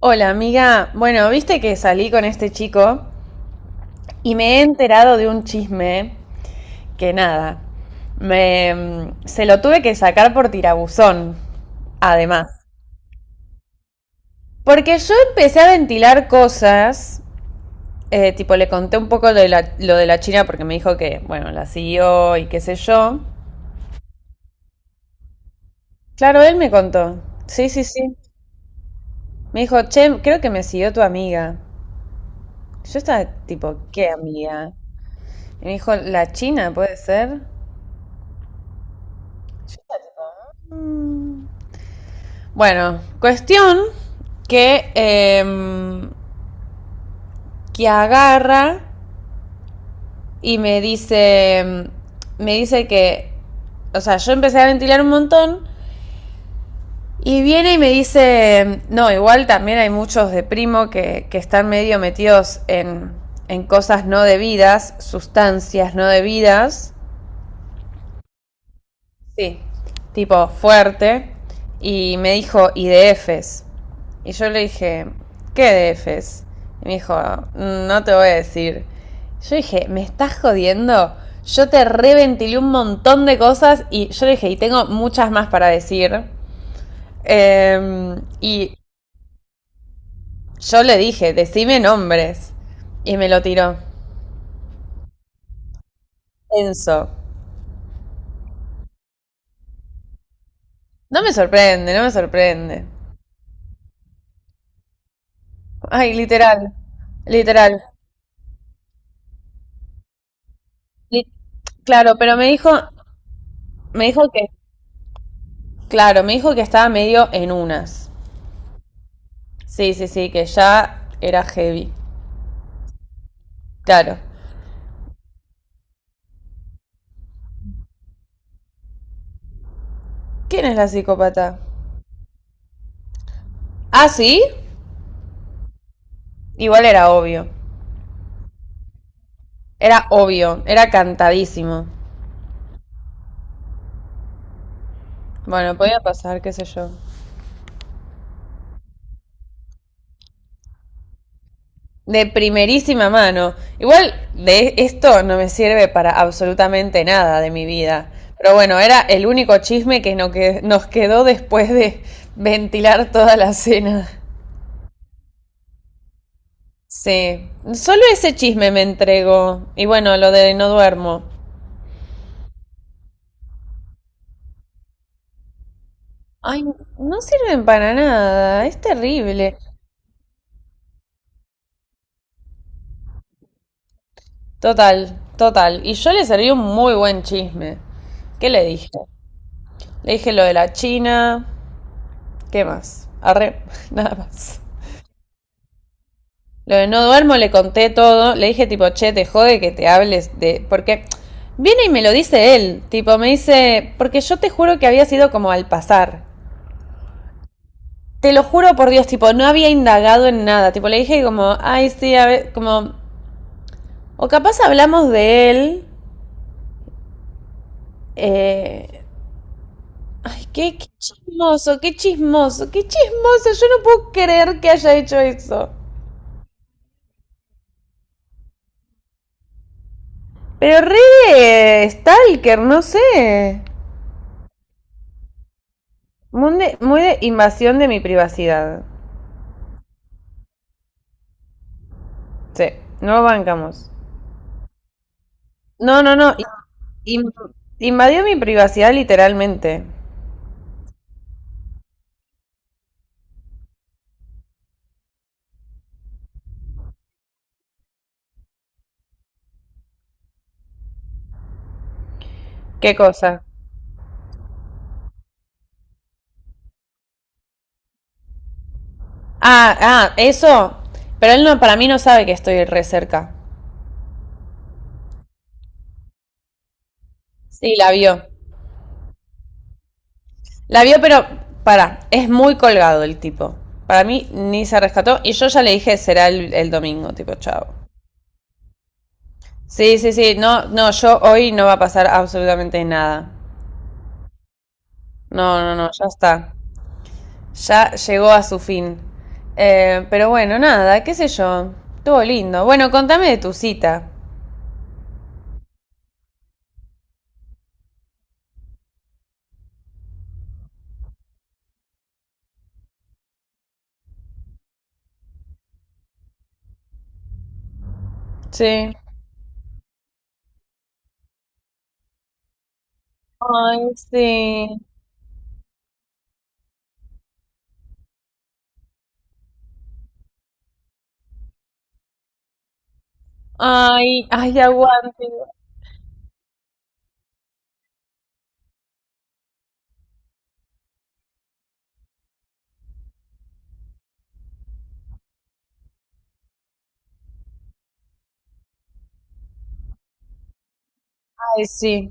Hola, amiga. Bueno, viste que salí con este chico y me he enterado de un chisme que nada, me, se lo tuve que sacar por tirabuzón, además. Porque yo empecé a ventilar cosas, tipo le conté un poco lo de la China porque me dijo que, bueno, la siguió y qué sé yo. Claro, él me contó. Sí, sí, sí. Me dijo, che, creo que me siguió tu amiga. Yo estaba tipo, ¿qué amiga? Y me dijo, ¿la China puede ser? Bueno, cuestión que, que agarra y me dice, me dice que, o sea, yo empecé a ventilar un montón y viene y me dice, no, igual también hay muchos de primo que están medio metidos en cosas no debidas, sustancias no debidas. Sí, tipo fuerte. Y me dijo, ¿y DFs? Y yo le dije, ¿qué DFs? Y me dijo, no te voy a decir. Yo dije, ¿me estás jodiendo? Yo te reventilé un montón de cosas y yo le dije, y tengo muchas más para decir. Eh, y yo le dije, decime nombres. Y me lo tiró. Enzo. No me sorprende, no me sorprende. Ay, literal. Literal. Li- Claro, pero me dijo que, claro, me dijo que estaba medio en unas. Sí, sí, sí, que ya era heavy. Claro. ¿Quién es la psicópata? Ah, sí. Igual era obvio. Era obvio, era cantadísimo. Bueno, podía pasar, qué sé yo. De primerísima mano. Igual de esto no me sirve para absolutamente nada de mi vida. Pero bueno, era el único chisme que no nos quedó después de ventilar toda la cena. Sí, solo ese chisme me entregó. Y bueno, lo de no duermo. Ay, no sirven para nada, es terrible. Total, total. Y yo le serví un muy buen chisme. ¿Qué le dije? Le dije lo de la China. ¿Qué más? Arre, nada más. Lo de no duermo le conté todo. Le dije tipo, che, te jode que te hables de... Porque viene y me lo dice él. Tipo, me dice, porque yo te juro que había sido como al pasar. Te lo juro por Dios, tipo, no había indagado en nada. Tipo, le dije como, ay, sí, a ver, como, o capaz hablamos de él. eh, ay, qué chismoso, qué chismoso, qué chismoso. Yo no puedo creer que haya hecho eso. Pero re de stalker, no sé. Muy de invasión de mi privacidad. Sí, no lo bancamos. No, no, no. in- in- invadió mi privacidad literalmente. ¿Qué cosa? Ah, ah, eso. Pero él no, para mí no sabe que estoy re cerca. Sí, la vio. La vio, pero para, es muy colgado el tipo. Para mí ni se rescató. Y yo ya le dije, será el domingo, tipo, chao. Sí, sí, sí. No, no, yo hoy no va a pasar absolutamente nada. No, no, no, ya está. Ya llegó a su fin. Pero bueno, nada, qué sé yo. Estuvo lindo. Bueno, contame de tu cita. Sí. Ay, sí. Ay, ay, aguante. Ay, sí.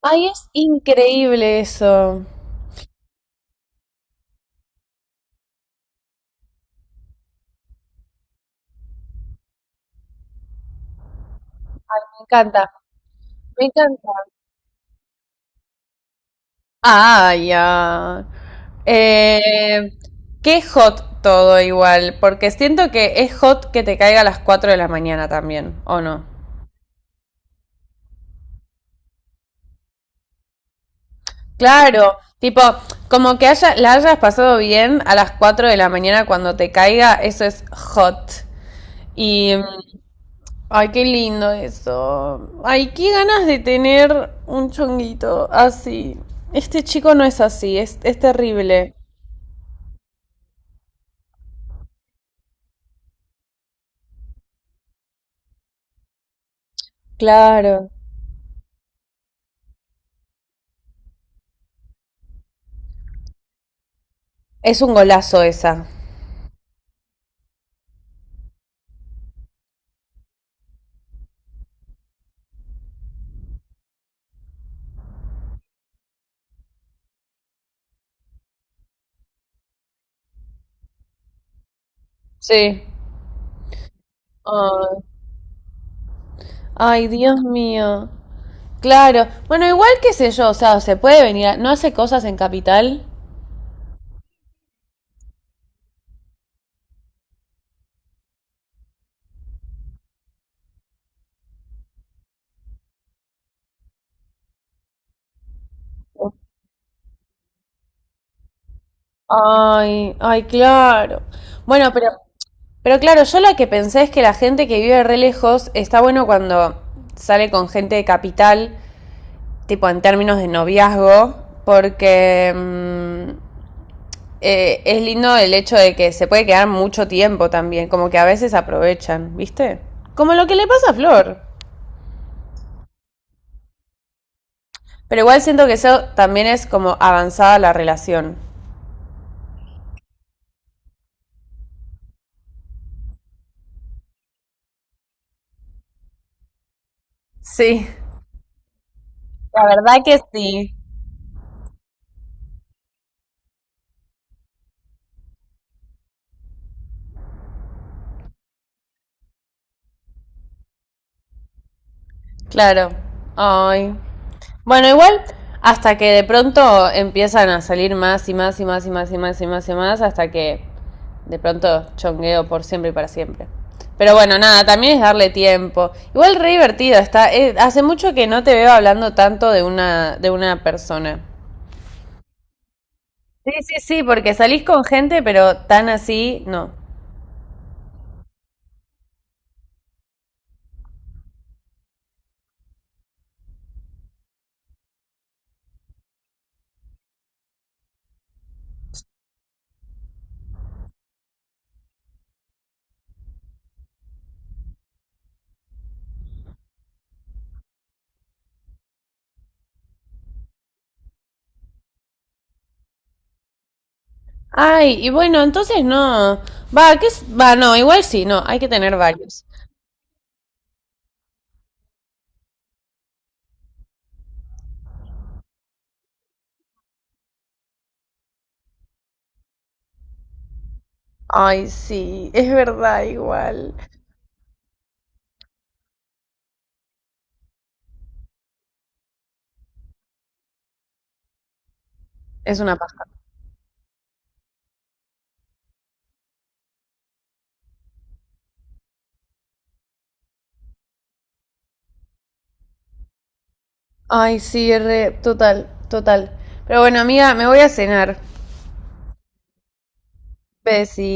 Ay, es increíble eso. Me encanta, me encanta. Ah, ya. Eh, qué hot todo igual, porque siento que es hot que te caiga a las 4 de la mañana también, ¿o no? Claro, tipo, como que la hayas pasado bien a las 4 de la mañana cuando te caiga, eso es hot. Y mm, Ay, qué lindo eso. Ay, qué ganas de tener un chonguito así. Este chico no es así, es terrible. Claro. Es un golazo esa. Sí. Ay, ay, Dios mío. Claro. Bueno, igual qué sé yo, o sea, se puede venir ¿No hace cosas en Capital? Ay, ay, claro. Bueno, pero claro, yo lo que pensé es que la gente que vive re lejos está bueno cuando sale con gente de Capital, tipo en términos de noviazgo, porque es lindo el hecho de que se puede quedar mucho tiempo también, como que a veces aprovechan, ¿viste? Como lo que le pasa a Flor. Pero igual siento que eso también es como avanzada la relación. Sí, la verdad que sí. Claro. Ay, bueno, igual, hasta que de pronto empiezan a salir más y más y más y más y más y más y más, hasta que de pronto chongueo por siempre y para siempre. Pero bueno, nada, también es darle tiempo. Igual re divertido está. Hace mucho que no te veo hablando tanto de de una persona. Sí, sí, sí, porque salís con gente, pero tan así, no. Ay, y bueno, entonces no. Va, ¿qué es? Va, no, igual sí, no, hay que tener varios. Ay, sí, es verdad, igual. Es una paja. Ay, sí, re, total, total. Pero bueno, amiga, me voy a cenar. Besi.